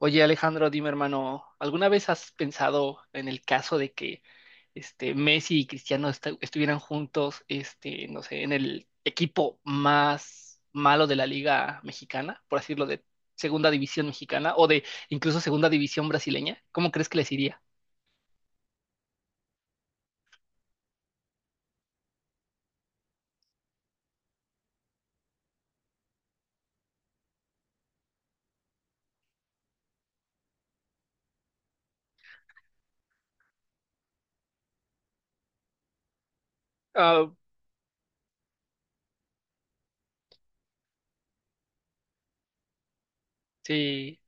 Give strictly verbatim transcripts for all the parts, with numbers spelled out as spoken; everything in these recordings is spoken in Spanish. Oye, Alejandro, dime, hermano, ¿alguna vez has pensado en el caso de que este Messi y Cristiano estu- estuvieran juntos, este, no sé, en el equipo más malo de la Liga Mexicana, por así decirlo, de Segunda División Mexicana o de incluso Segunda División brasileña? ¿Cómo crees que les iría? Ah, sí.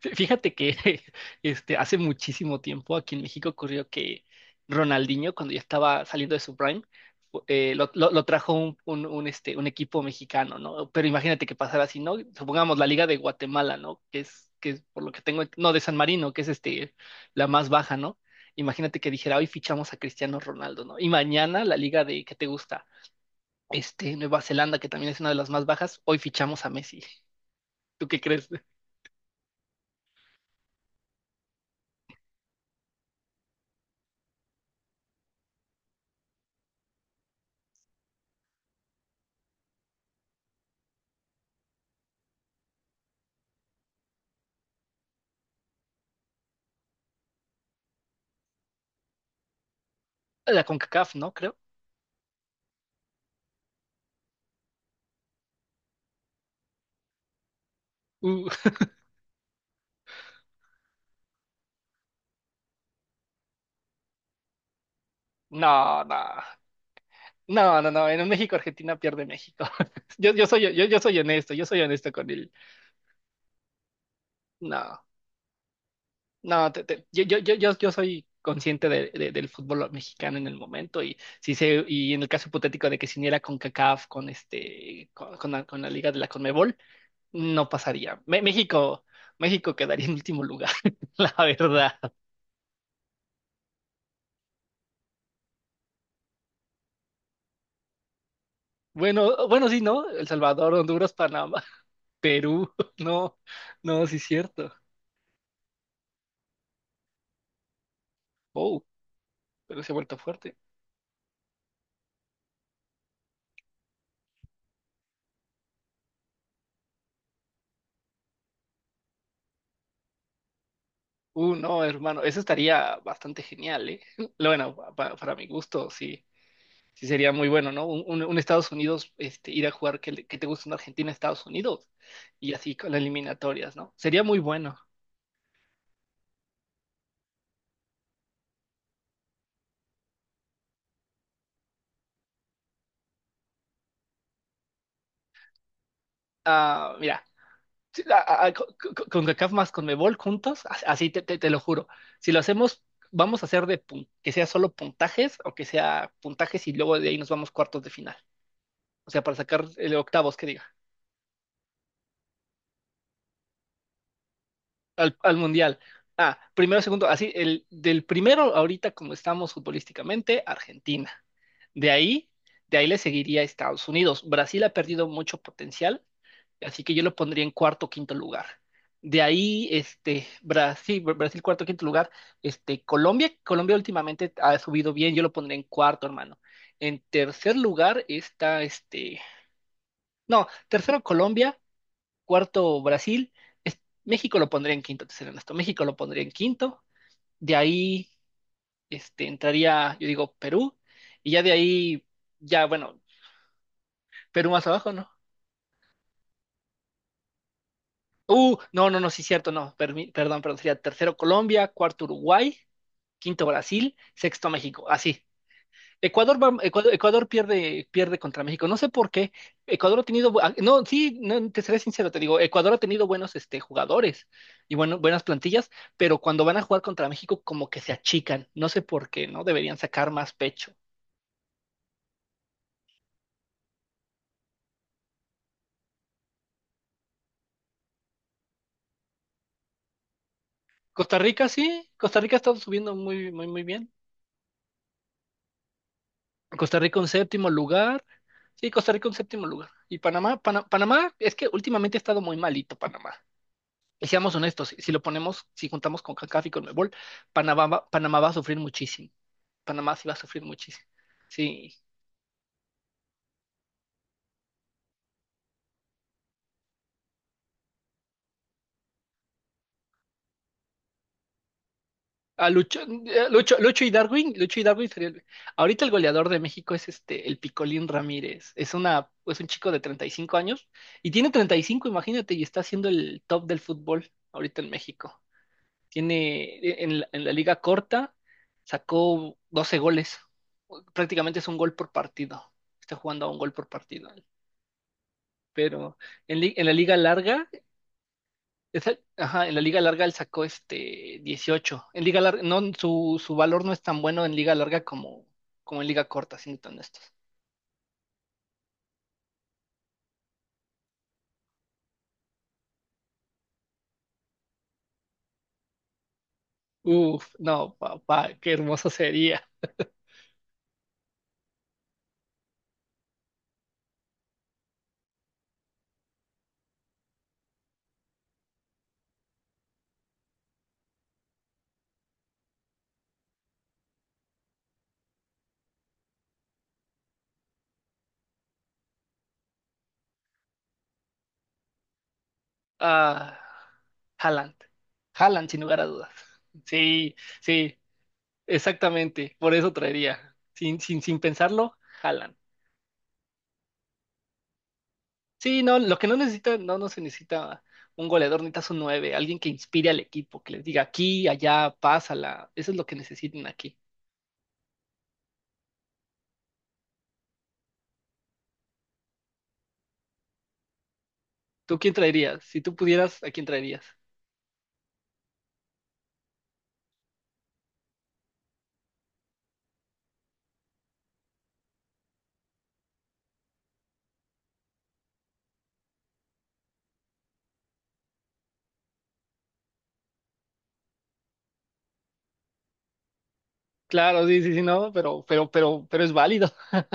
Fí- Fíjate que este, hace muchísimo tiempo aquí en México ocurrió que Ronaldinho, cuando ya estaba saliendo de su prime, fu- eh, lo, lo- lo trajo un, un- un, este, un equipo mexicano, ¿no? Pero imagínate que pasara así, ¿no? Supongamos la Liga de Guatemala, ¿no? Que es, que es por lo que tengo, ent- no, de San Marino, que es este, la más baja, ¿no? Imagínate que dijera, hoy fichamos a Cristiano Ronaldo, ¿no? Y mañana la Liga de, ¿qué te gusta? Este, Nueva Zelanda, que también es una de las más bajas, hoy fichamos a Messi. ¿Tú qué crees? La CONCACAF, ¿no? Creo. Uh, No, no, no, no, no. En un México-Argentina pierde México. Yo, yo soy, yo, yo soy honesto, yo soy honesto con él. No, no, te- te- yo, yo, yo, yo yo soy consciente de- de- del fútbol mexicano en el momento y si se, y en el caso hipotético de que se uniera con C A C A F, con este, con, con la, con la Liga de la Conmebol, no pasaría. Me- México, México quedaría en último lugar, la verdad. Bueno, bueno, sí, ¿no? El Salvador, Honduras, Panamá, Perú, no, no, sí es cierto. Oh. Pero se ha vuelto fuerte. Uh, no, hermano, eso estaría bastante genial, ¿eh? Bueno, pa- pa- para mi gusto, sí, sí sería muy bueno, ¿no? Un, un- un Estados Unidos, este, ir a jugar que, le- que te gusta una Argentina, Estados Unidos, y así con las eliminatorias, ¿no? Sería muy bueno. Ah, mira, si- a- a- a- co- co- co- con C A C A F más conmebol juntos, a- así te, te- te lo juro. Si lo hacemos, vamos a hacer de pun- que sea solo puntajes o que sea puntajes y luego de ahí nos vamos cuartos de final. O sea, para sacar el octavos, que diga. al, al mundial. Ah, primero, segundo, así, el, del primero, ahorita como estamos futbolísticamente, Argentina. De ahí, de ahí le seguiría Estados Unidos. Brasil ha perdido mucho potencial, así que yo lo pondría en cuarto o quinto lugar. De ahí, este, Brasil, Brasil cuarto, quinto lugar. Este, Colombia, Colombia últimamente ha subido bien, yo lo pondría en cuarto, hermano. En tercer lugar está, este, no, tercero Colombia, cuarto Brasil, es- México lo pondría en quinto, te seré honesto, México lo pondría en quinto, de ahí este, entraría, yo digo, Perú, y ya de ahí, ya bueno, Perú más abajo, ¿no? Uh, no, no, no, sí, cierto, no, permi- perdón, perdón, sería tercero Colombia, cuarto Uruguay, quinto Brasil, sexto México, así, Ecuador, va- Ecuador, Ecuador pierde, pierde contra México. No sé por qué. Ecuador ha tenido, bu- ah, no, sí, no, te seré sincero, te digo, Ecuador ha tenido buenos este, jugadores y bueno, buenas plantillas, pero cuando van a jugar contra México como que se achican. No sé por qué, ¿no? Deberían sacar más pecho. Costa Rica sí, Costa Rica ha estado subiendo muy, muy, muy bien. Costa Rica un séptimo lugar. Sí, Costa Rica un séptimo lugar. Y Panamá, Pana- Panamá, es que últimamente ha estado muy malito Panamá. Y seamos honestos, si lo ponemos, si juntamos con CONCACAF y con Mebol, Panamá, va- Panamá va a sufrir muchísimo. Panamá sí va a sufrir muchísimo. Sí. A Lucho, eh, Lucho, Lucho y Darwin, Lucho y Darwin sería el- ahorita el goleador de México es este, el Picolín Ramírez. Es una, es un chico de treinta y cinco años y tiene treinta y cinco, imagínate, y está siendo el top del fútbol ahorita en México. Tiene eh, en la, en la liga corta sacó doce goles. Prácticamente es un gol por partido. Está jugando a un gol por partido. Pero en, li- en la liga larga, esa- ajá, en la liga larga él sacó este dieciocho. En liga larga, no, su, su valor no es tan bueno en liga larga como, como en liga corta, siendo tan honestos. Uf, no, papá, qué hermoso sería. Ah, Haaland. Haaland, sin lugar a dudas. Sí, sí, exactamente. Por eso traería. Sin, sin, sin pensarlo, Haaland. Sí, no, lo que no necesita, no, no se necesita un goleador, necesitas un nueve, alguien que inspire al equipo, que les diga aquí, allá, pásala. Eso es lo que necesitan aquí. ¿Tú quién traerías? Si tú pudieras, ¿a quién traerías? Claro, sí, sí, sí, no, pero, pero, pero, pero es válido.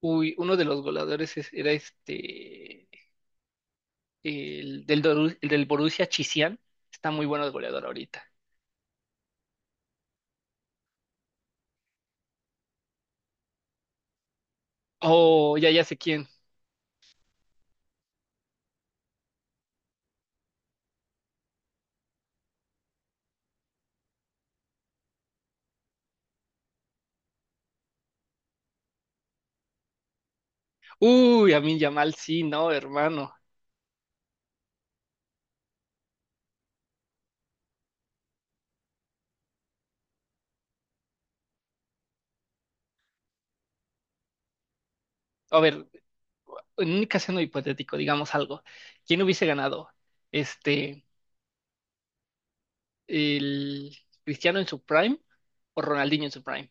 Uy, uno de los goleadores es- era este, el del, Doru- el del Borussia Chizian. Está muy bueno el goleador ahorita. Oh, ya, ya sé quién. Uy, Amin Yamal, sí, no, hermano. A ver, en un caso hipotético, digamos algo, ¿quién hubiese ganado? Este, el Cristiano en su prime o Ronaldinho en su prime.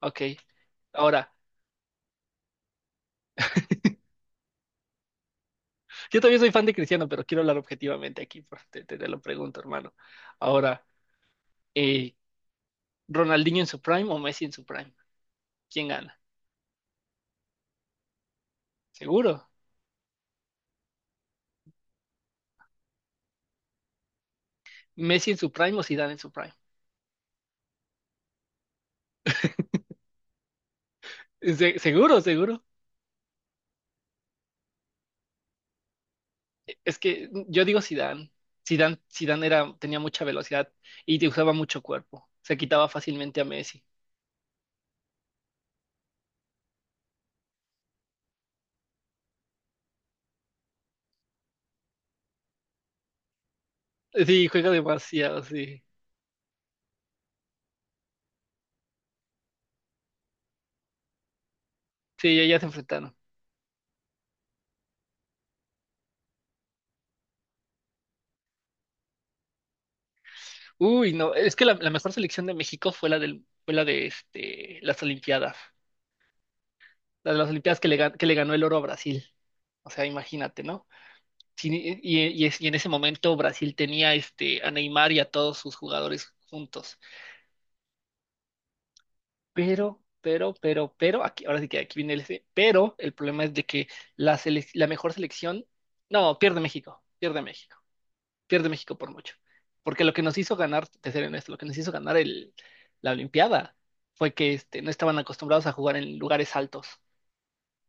Ok, ahora, yo también soy fan de Cristiano, pero quiero hablar objetivamente aquí, pues, te, te- te lo pregunto, hermano. Ahora, eh, ¿Ronaldinho en su prime o Messi en su prime? ¿Quién gana? Seguro. ¿Messi en su prime o Zidane en su prime? Se- seguro, seguro. Es que yo digo Zidane. Zidane, Zidane era, tenía mucha velocidad y te usaba mucho cuerpo. Se quitaba fácilmente a Messi. Sí, juega demasiado, sí. Sí, ya, ya se enfrentaron. Uy, no, es que la, la mejor selección de México fue la del, fue la de este, las Olimpiadas. La de las Olimpiadas que le, gan- que le ganó el oro a Brasil. O sea, imagínate, ¿no? Sí, y, y es- y en ese momento Brasil tenía este, a Neymar y a todos sus jugadores juntos. Pero, pero, pero, pero, aquí, ahora sí que aquí viene el ese, pero el problema es de que la, selec- la mejor selección, no, pierde México, pierde México. Pierde México por mucho. Porque lo que nos hizo ganar, te seré honesto, lo que nos hizo ganar el, la Olimpiada fue que este, no estaban acostumbrados a jugar en lugares altos.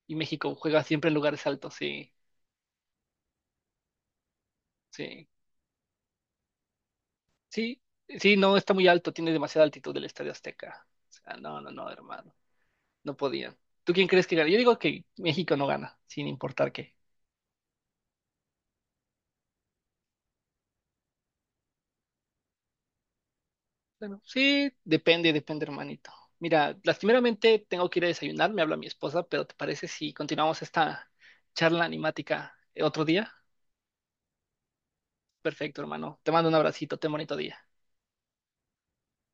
Y México juega siempre en lugares altos, sí, sí, sí, sí, no está muy alto, tiene demasiada altitud del Estadio Azteca. O sea, no, no, no, hermano, no podían. ¿Tú quién crees que gana? Yo digo que México no gana, sin importar qué. Bueno, sí, depende, depende, hermanito. Mira, lastimeramente tengo que ir a desayunar, me habla mi esposa, pero ¿te parece si continuamos esta charla animática otro día? Perfecto, hermano. Te mando un abracito, ten bonito día.